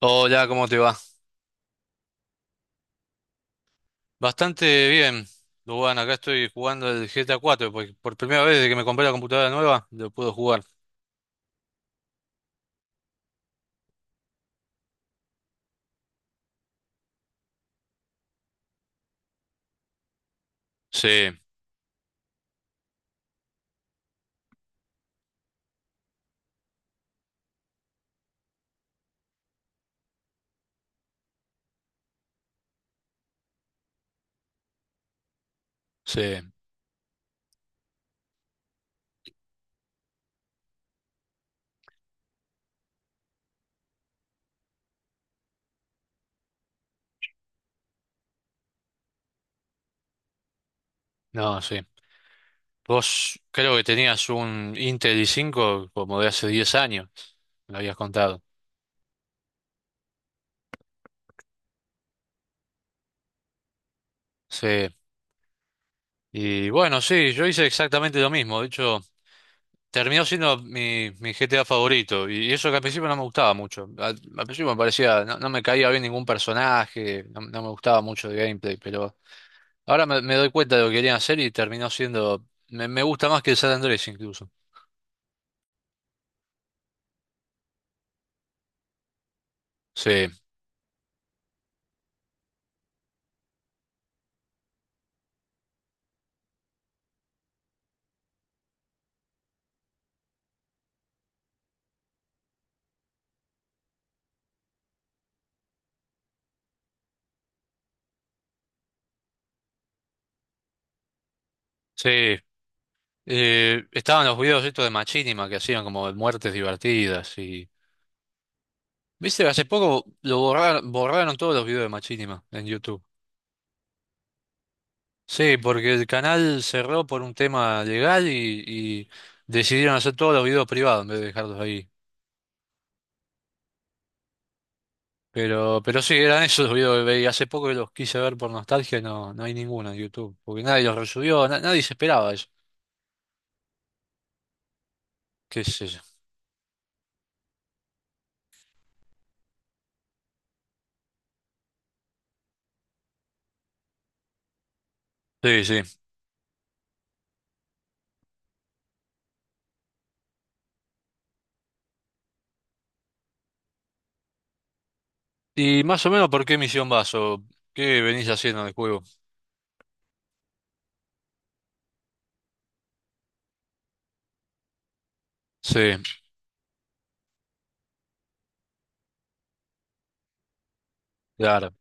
Hola, ¿cómo te va? Bastante bien. Luan, acá estoy jugando el GTA 4, porque por primera vez desde que me compré la computadora nueva, lo puedo jugar. Sí, sí, no, sí. Vos creo que tenías un Intel i5 como de hace 10 años, me lo habías contado. Sí, y bueno, sí, yo hice exactamente lo mismo. De hecho, terminó siendo mi GTA favorito, y eso que al principio no me gustaba mucho. Al principio me parecía, no, no me caía bien ningún personaje, no, no me gustaba mucho el gameplay, pero... Ahora me doy cuenta de lo que querían hacer y terminó siendo. Me gusta más que el San Andrés incluso. Sí, sí. Estaban los videos estos de Machinima que hacían como de muertes divertidas y. Viste, hace poco lo borraron, borraron todos los videos de Machinima en YouTube. Sí, porque el canal cerró por un tema legal y decidieron hacer todos los videos privados en vez de dejarlos ahí. Pero sí, eran esos los videos que veía. Hace poco que los quise ver por nostalgia, y no, no hay ninguno en YouTube, porque nadie los resubió, nadie se esperaba eso. ¿Qué es eso? Sí, sí. ¿Y más o menos por qué misión vas o qué venís haciendo en el juego? Sí, claro.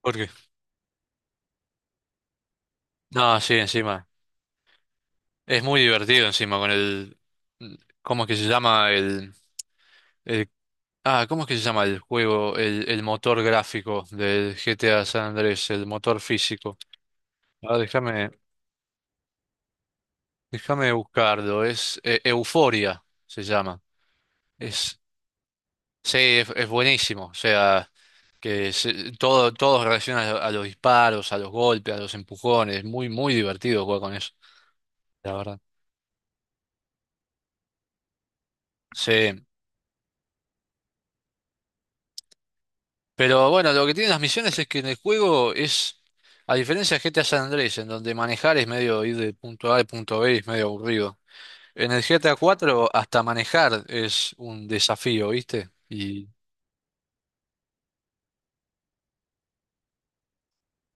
¿Por qué? No, sí, encima. Es muy divertido encima con el... mm, ¿Cómo es que se llama el... el- ah, ¿cómo es que se llama el juego? El motor gráfico del GTA San Andrés, el motor físico. Ah, déjame buscarlo. Es Euforia, se llama. Es Sí, es buenísimo. O sea, todo reacciona a los disparos, a los golpes, a los empujones. Muy, muy divertido jugar con eso, la verdad. Sí. Pero bueno, lo que tienen las misiones es que en el juego es, a diferencia de GTA San Andrés, en donde manejar es medio ir de punto A al punto B, es medio aburrido. En el GTA 4 hasta manejar es un desafío, ¿viste? Y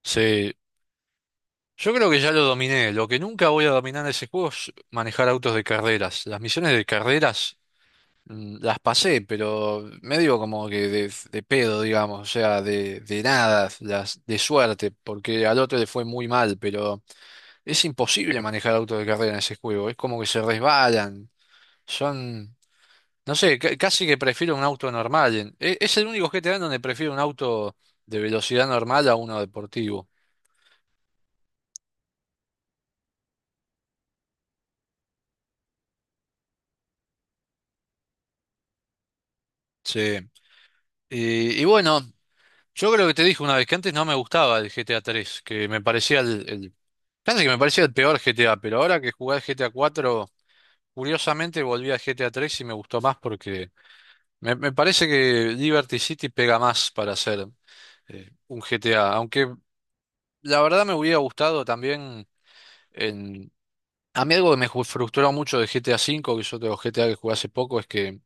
sí, yo creo que ya lo dominé. Lo que nunca voy a dominar en ese juego es manejar autos de carreras. Las misiones de carreras. Las pasé, pero medio como que de pedo, digamos, o sea, de nada, de suerte, porque al otro le fue muy mal, pero es imposible manejar autos de carrera en ese juego, es como que se resbalan, son, no sé, casi que prefiero un auto normal, es, el único GTA en donde prefiero un auto de velocidad normal a uno deportivo. Sí. Y bueno. Yo creo que te dije una vez que antes no me gustaba el GTA 3, que me parecía casi que me parecía el peor GTA, pero ahora que jugué al GTA 4, curiosamente volví al GTA 3 y me gustó más porque me parece que Liberty City pega más para hacer un GTA, aunque la verdad me hubiera gustado también en... A mí algo que me frustró mucho de GTA 5, que yo tengo GTA que jugué hace poco, es que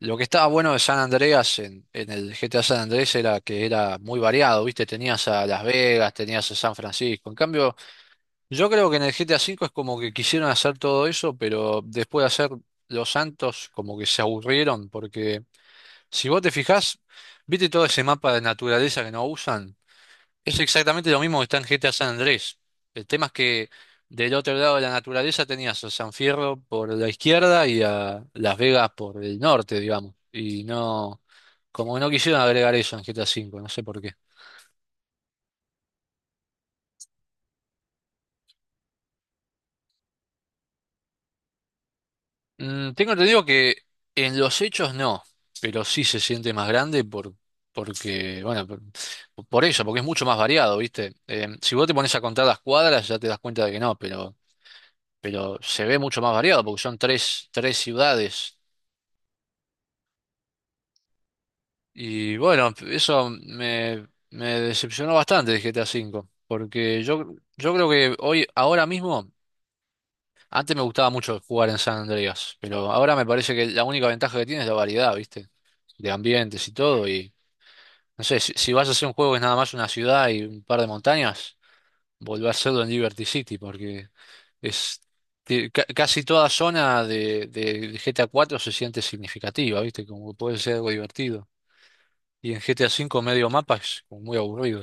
lo que estaba bueno de San Andreas en el GTA San Andrés era que era muy variado, ¿viste? Tenías a Las Vegas, tenías a San Francisco. En cambio, yo creo que en el GTA V es como que quisieron hacer todo eso, pero después de hacer Los Santos, como que se aburrieron, porque si vos te fijás, ¿viste todo ese mapa de naturaleza que no usan? Es exactamente lo mismo que está en GTA San Andrés. El tema es que del otro lado de la naturaleza tenías a San Fierro por la izquierda y a Las Vegas por el norte, digamos. Y no. Como que no quisieron agregar eso en GTA V, no sé por qué. Mm, tengo entendido que en los hechos no, pero sí se siente más grande por, porque, bueno, por eso, porque es mucho más variado, ¿viste? Si vos te pones a contar las cuadras ya te das cuenta de que no, pero se ve mucho más variado porque son tres ciudades. Y bueno, eso me decepcionó bastante de GTA V, porque yo creo que hoy, ahora mismo... Antes me gustaba mucho jugar en San Andreas, pero ahora me parece que la única ventaja que tiene es la variedad, ¿viste? De ambientes y todo. Y no sé, si vas a hacer un juego que es nada más una ciudad y un par de montañas, volver a hacerlo en Liberty City, porque es casi toda zona de GTA 4 se siente significativa, ¿viste? Como que puede ser algo divertido. Y en GTA 5 medio mapa es como muy aburrido.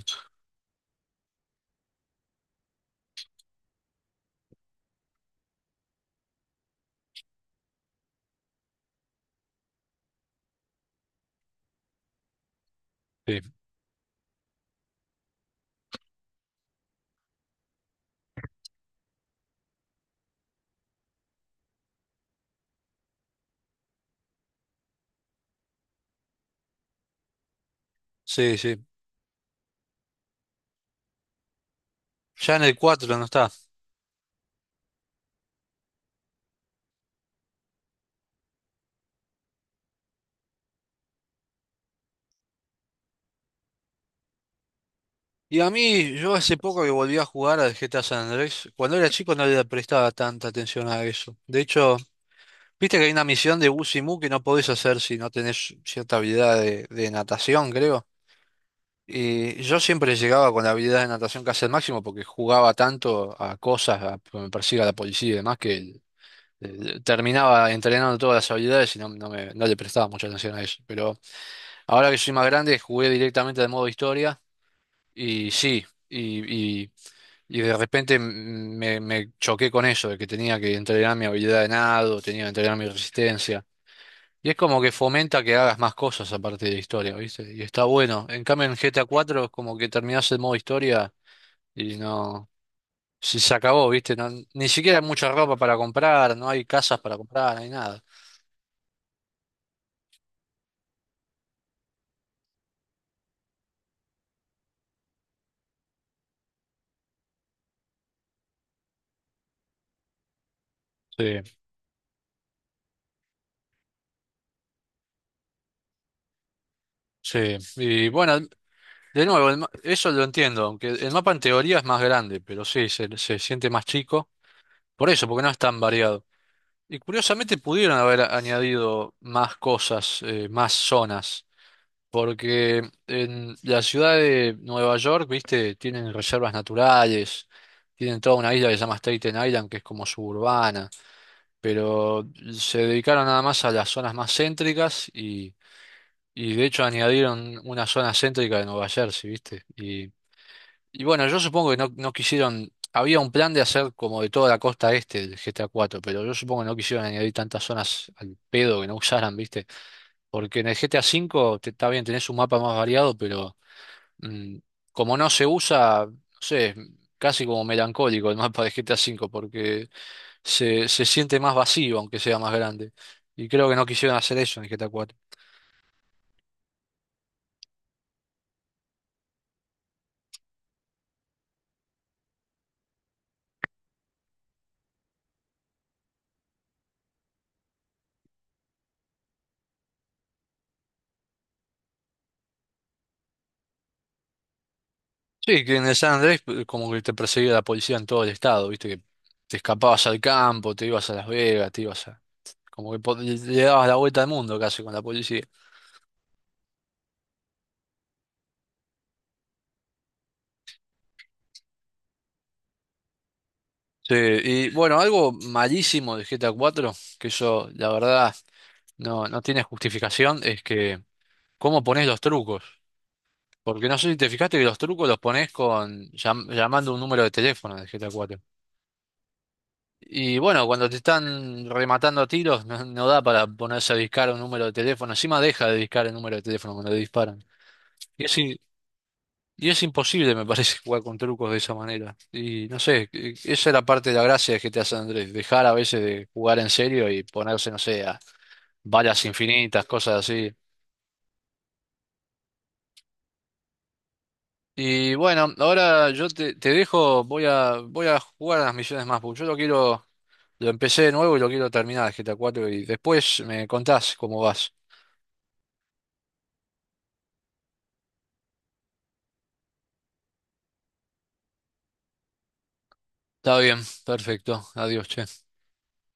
Sí, sí, sí. Ya en el 4 no está. Y a mí, yo hace poco que volví a jugar al GTA San Andrés, cuando era chico no le prestaba tanta atención a eso. De hecho, viste que hay una misión de Bus y Busimu que no podés hacer si no tenés cierta habilidad de natación, creo. Y yo siempre llegaba con la habilidad de natación casi al máximo porque jugaba tanto a cosas, a que me persiga la policía y demás, que terminaba entrenando todas las habilidades y no, no le prestaba mucha atención a eso. Pero ahora que soy más grande, jugué directamente al modo historia y sí. Y, y Y de repente me choqué con eso, de que tenía que entrenar mi habilidad de nado, tenía que entrenar mi resistencia. Y es como que fomenta que hagas más cosas aparte de la historia, ¿viste? Y está bueno. En cambio, en GTA 4 es como que terminás el modo historia y no... Se acabó, ¿viste? Ni siquiera hay mucha ropa para comprar, no hay casas para comprar, no hay nada. Sí, sí. Y bueno, de nuevo, eso lo entiendo, aunque el mapa en teoría es más grande, pero sí, se siente más chico. Por eso, porque no es tan variado. Y curiosamente pudieron haber añadido más cosas, más zonas, porque en la ciudad de Nueva York, viste, tienen reservas naturales, tienen toda una isla que se llama Staten Island, que es como suburbana, pero se dedicaron nada más a las zonas más céntricas y de hecho añadieron una zona céntrica de Nueva Jersey, viste, y bueno, yo supongo que no, no quisieron, había un plan de hacer como de toda la costa este del GTA 4 pero yo supongo que no quisieron añadir tantas zonas al pedo que no usaran, ¿viste? Porque en el GTA 5 te, está bien, tenés un mapa más variado, pero mm, como no se usa, no sé, casi como melancólico el mapa de GTA 5 porque se siente más vacío, aunque sea más grande. Y creo que no quisieron hacer eso en el GTA 4. Sí, que en el San Andrés como que te perseguía la policía en todo el estado, viste, que te escapabas al campo, te ibas a Las Vegas, te ibas a... Como que le dabas la vuelta al mundo casi con la policía. Sí, y bueno, algo malísimo de GTA 4, que eso la verdad no, no tiene justificación, es que cómo pones los trucos. Porque no sé si te fijaste que los trucos los pones con llamando un número de teléfono de GTA 4. Y bueno, cuando te están rematando a tiros, no, no da para ponerse a discar un número de teléfono. Encima deja de discar el número de teléfono cuando le disparan. Y es, i- y es imposible, me parece, jugar con trucos de esa manera. Y no sé, esa es la parte de la gracia que te hace Andrés. Dejar a veces de jugar en serio y ponerse, no sé, a balas infinitas, cosas así. Y bueno, ahora yo te dejo, voy a jugar a las misiones más. Porque yo lo quiero, lo empecé de nuevo y lo quiero terminar, el GTA 4 y después me contás cómo vas. Está bien, perfecto. Adiós, che.